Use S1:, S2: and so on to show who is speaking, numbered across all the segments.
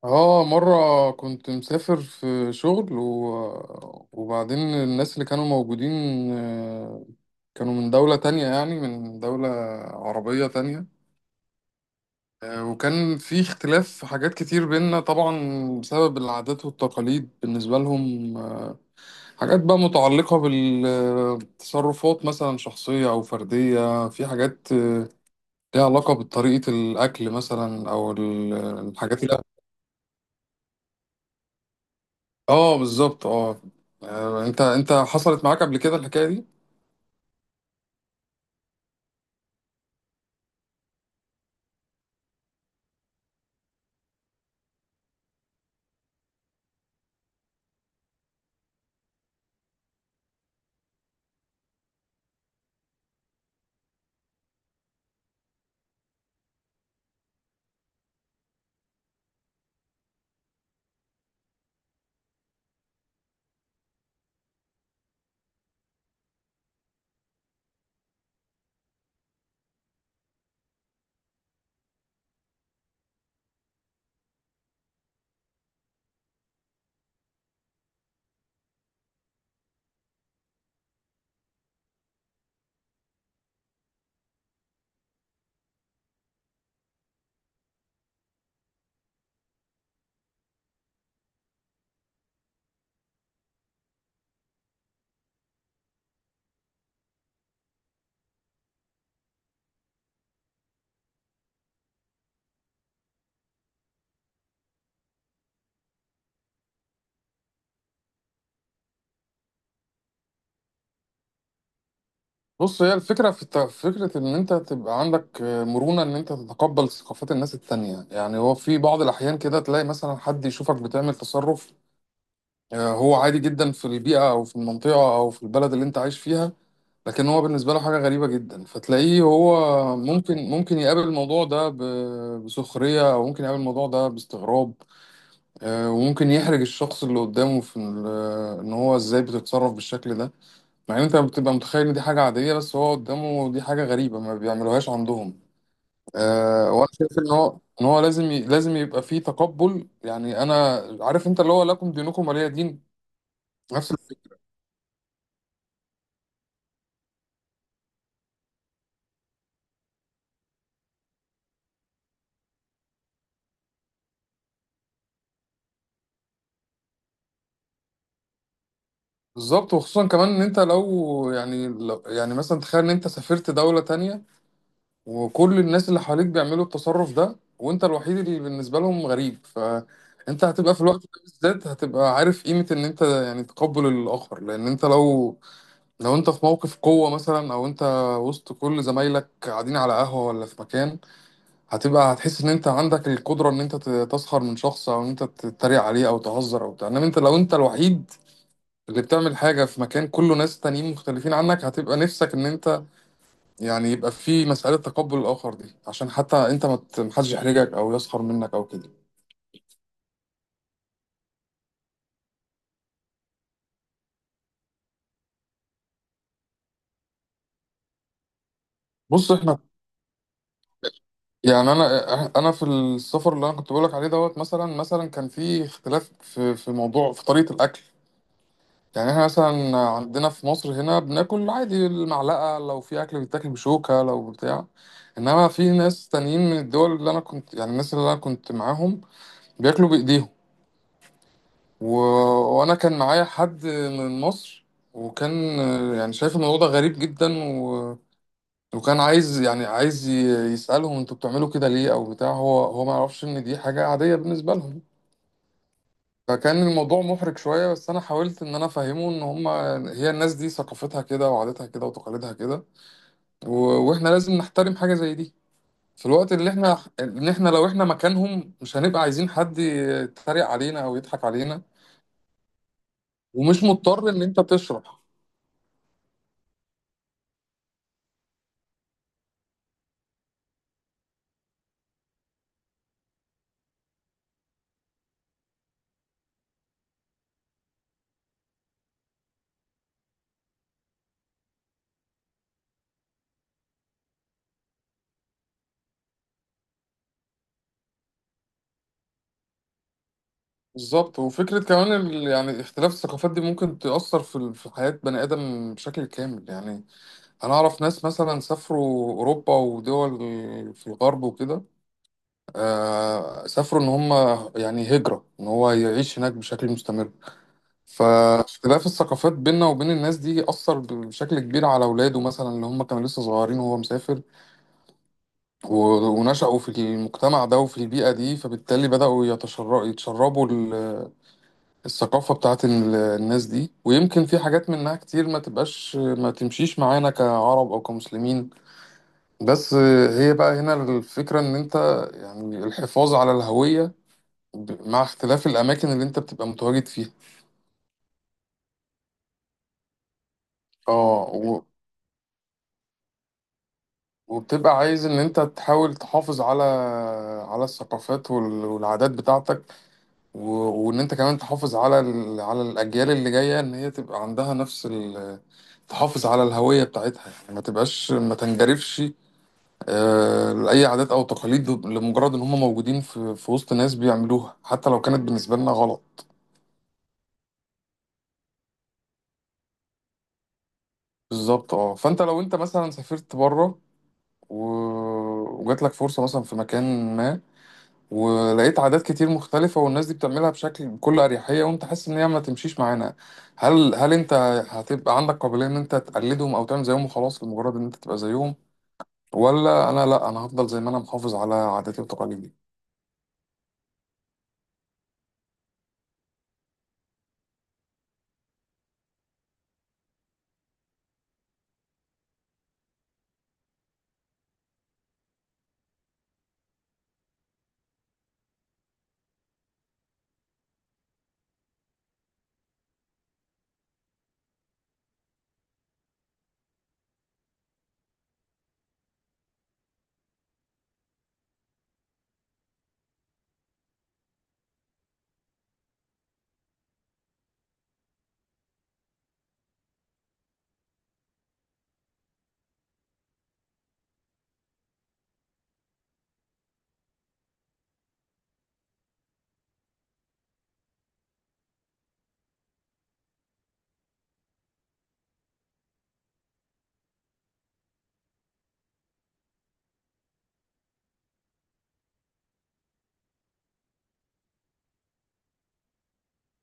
S1: اه، مرة كنت مسافر في شغل وبعدين الناس اللي كانوا موجودين آه، كانوا من دولة تانية، يعني من دولة عربية تانية. وكان في اختلاف في حاجات كتير بينا طبعا بسبب العادات والتقاليد بالنسبة لهم. حاجات بقى متعلقة بالتصرفات، مثلا شخصية أو فردية. في حاجات ليها علاقة بطريقة الأكل مثلا أو الحاجات اللي... اه، بالظبط، اه. انت حصلت معاك قبل كده الحكايه دي؟ بص، هي الفكره في فكره ان انت تبقى عندك مرونه، ان انت تتقبل ثقافات الناس التانية. يعني هو في بعض الاحيان كده تلاقي مثلا حد يشوفك بتعمل تصرف هو عادي جدا في البيئه او في المنطقه او في البلد اللي انت عايش فيها، لكن هو بالنسبه له حاجه غريبه جدا. فتلاقيه هو ممكن يقابل الموضوع ده بسخريه، او ممكن يقابل الموضوع ده باستغراب. وممكن يحرج الشخص اللي قدامه في ان هو ازاي بتتصرف بالشكل ده، مع ان انت بتبقى متخيل ان دي حاجة عادية، بس هو قدامه دي حاجة غريبة ما بيعملوهاش عندهم. أه، وانا شايف ان هو لازم لازم يبقى فيه تقبل. يعني انا عارف انت، اللي هو لكم دينكم ولي دين. نفس الفكرة. بالظبط، وخصوصا كمان ان انت لو، يعني مثلا تخيل ان انت سافرت دولة تانية وكل الناس اللي حواليك بيعملوا التصرف ده وانت الوحيد اللي بالنسبة لهم غريب، فانت هتبقى في الوقت ده بالذات هتبقى عارف قيمة ان انت يعني تقبل الاخر. لان انت لو انت في موقف قوة مثلا او انت وسط كل زمايلك قاعدين على قهوة ولا في مكان، هتحس ان انت عندك القدرة ان انت تسخر من شخص او ان انت تتريق عليه او تهزر او بتاع. انما انت لو انت الوحيد اللي بتعمل حاجة في مكان كله ناس تانيين مختلفين عنك، هتبقى نفسك ان انت، يعني يبقى في مسألة تقبل الآخر دي عشان حتى أنت ما ت- محدش يحرجك أو يسخر منك أو كده. بص، إحنا يعني أنا، في السفر اللي أنا كنت بقولك عليه دوت، مثلا كان في اختلاف في موضوع، في طريقة الأكل. يعني إحنا مثلا عندنا في مصر هنا بناكل عادي المعلقة، لو في أكل بيتاكل بشوكة لو بتاع. إنما في ناس تانيين من الدول اللي أنا كنت، يعني الناس اللي أنا كنت معاهم بياكلوا بإيديهم. و... وانا كان معايا حد من مصر، وكان يعني شايف الموضوع ده غريب جدا وكان عايز يسألهم انتوا بتعملوا كده ليه او بتاع. هو ما يعرفش ان دي حاجة عادية بالنسبة لهم. فكان الموضوع محرج شوية، بس انا حاولت ان انا افهمه ان هي الناس دي ثقافتها كده وعاداتها كده وتقاليدها كده. و... واحنا لازم نحترم حاجة زي دي، في الوقت اللي احنا، ان احنا لو احنا مكانهم مش هنبقى عايزين حد يتريق علينا او يضحك علينا. ومش مضطر ان انت تشرح. بالظبط، وفكرة كمان يعني اختلاف الثقافات دي ممكن تأثر في في حياة بني آدم بشكل كامل. يعني أنا أعرف ناس مثلا سافروا أوروبا ودول في الغرب وكده. آه، سافروا إن هم يعني هجرة، إن هو يعيش هناك بشكل مستمر. فاختلاف الثقافات بيننا وبين الناس دي أثر بشكل كبير على أولاده مثلا، اللي هم كانوا لسه صغيرين وهو مسافر. ونشأوا في المجتمع ده وفي البيئة دي، فبالتالي بدأوا يتشربوا الثقافة بتاعت الناس دي. ويمكن في حاجات منها كتير ما تبقاش، ما تمشيش معانا كعرب أو كمسلمين. بس هي بقى هنا الفكرة، إن أنت، يعني الحفاظ على الهوية مع اختلاف الأماكن اللي أنت بتبقى متواجد فيها. اه، وبتبقى عايز إن أنت تحاول تحافظ على الثقافات والعادات بتاعتك. وان انت كمان تحافظ على على الاجيال اللي جايه، ان هي تبقى عندها نفس تحافظ على الهويه بتاعتها. يعني ما تنجرفش لاي عادات او تقاليد لمجرد ان هم موجودين في وسط ناس بيعملوها، حتى لو كانت بالنسبه لنا غلط. بالظبط، اه. فانت لو انت مثلا سافرت بره و... وجات لك فرصه مثلا في مكان ما، ولقيت عادات كتير مختلفة والناس دي بتعملها بشكل بكل أريحية، وأنت حاسس إن هي ما تمشيش معانا، هل أنت هتبقى عندك قابلية إن أنت تقلدهم أو تعمل زيهم وخلاص لمجرد إن أنت تبقى زيهم؟ ولا أنا لأ، أنا هفضل زي ما أنا محافظ على عاداتي وتقاليدي.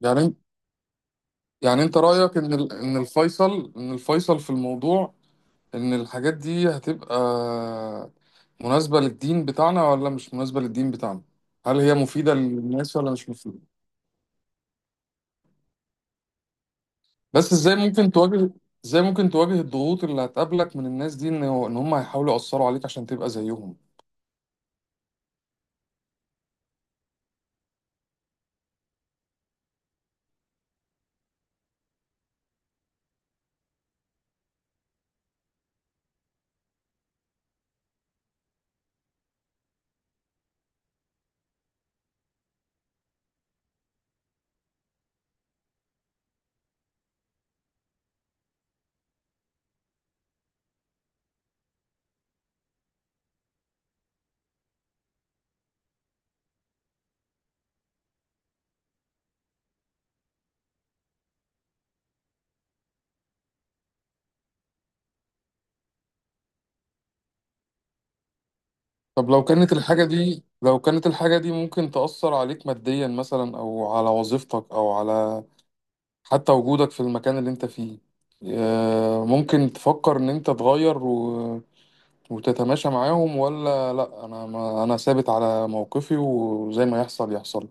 S1: يعني أنت يعني أنت رأيك إن إن الفيصل، في الموضوع، إن الحاجات دي هتبقى مناسبة للدين بتاعنا ولا مش مناسبة للدين بتاعنا؟ هل هي مفيدة للناس ولا مش مفيدة؟ بس ازاي ممكن تواجه الضغوط اللي هتقابلك من الناس دي، ان هم هيحاولوا يأثروا عليك عشان تبقى زيهم؟ طب، لو كانت الحاجة دي، ممكن تأثر عليك ماديا مثلا، او على وظيفتك، او على حتى وجودك في المكان اللي انت فيه، ممكن تفكر ان انت تغير وتتماشى معاهم؟ ولا لا، انا ما انا ثابت على موقفي وزي ما يحصل يحصل.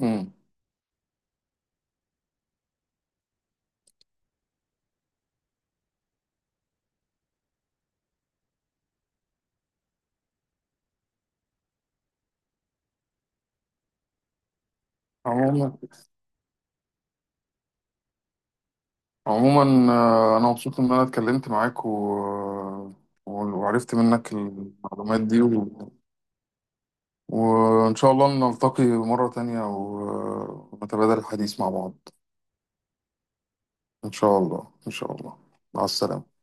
S1: امم. عموما، انا مبسوط ان انا اتكلمت معاك وعرفت منك المعلومات دي وان شاء الله نلتقي مرة تانية ونتبادل الحديث مع بعض. ان شاء الله، ان شاء الله. مع السلامة.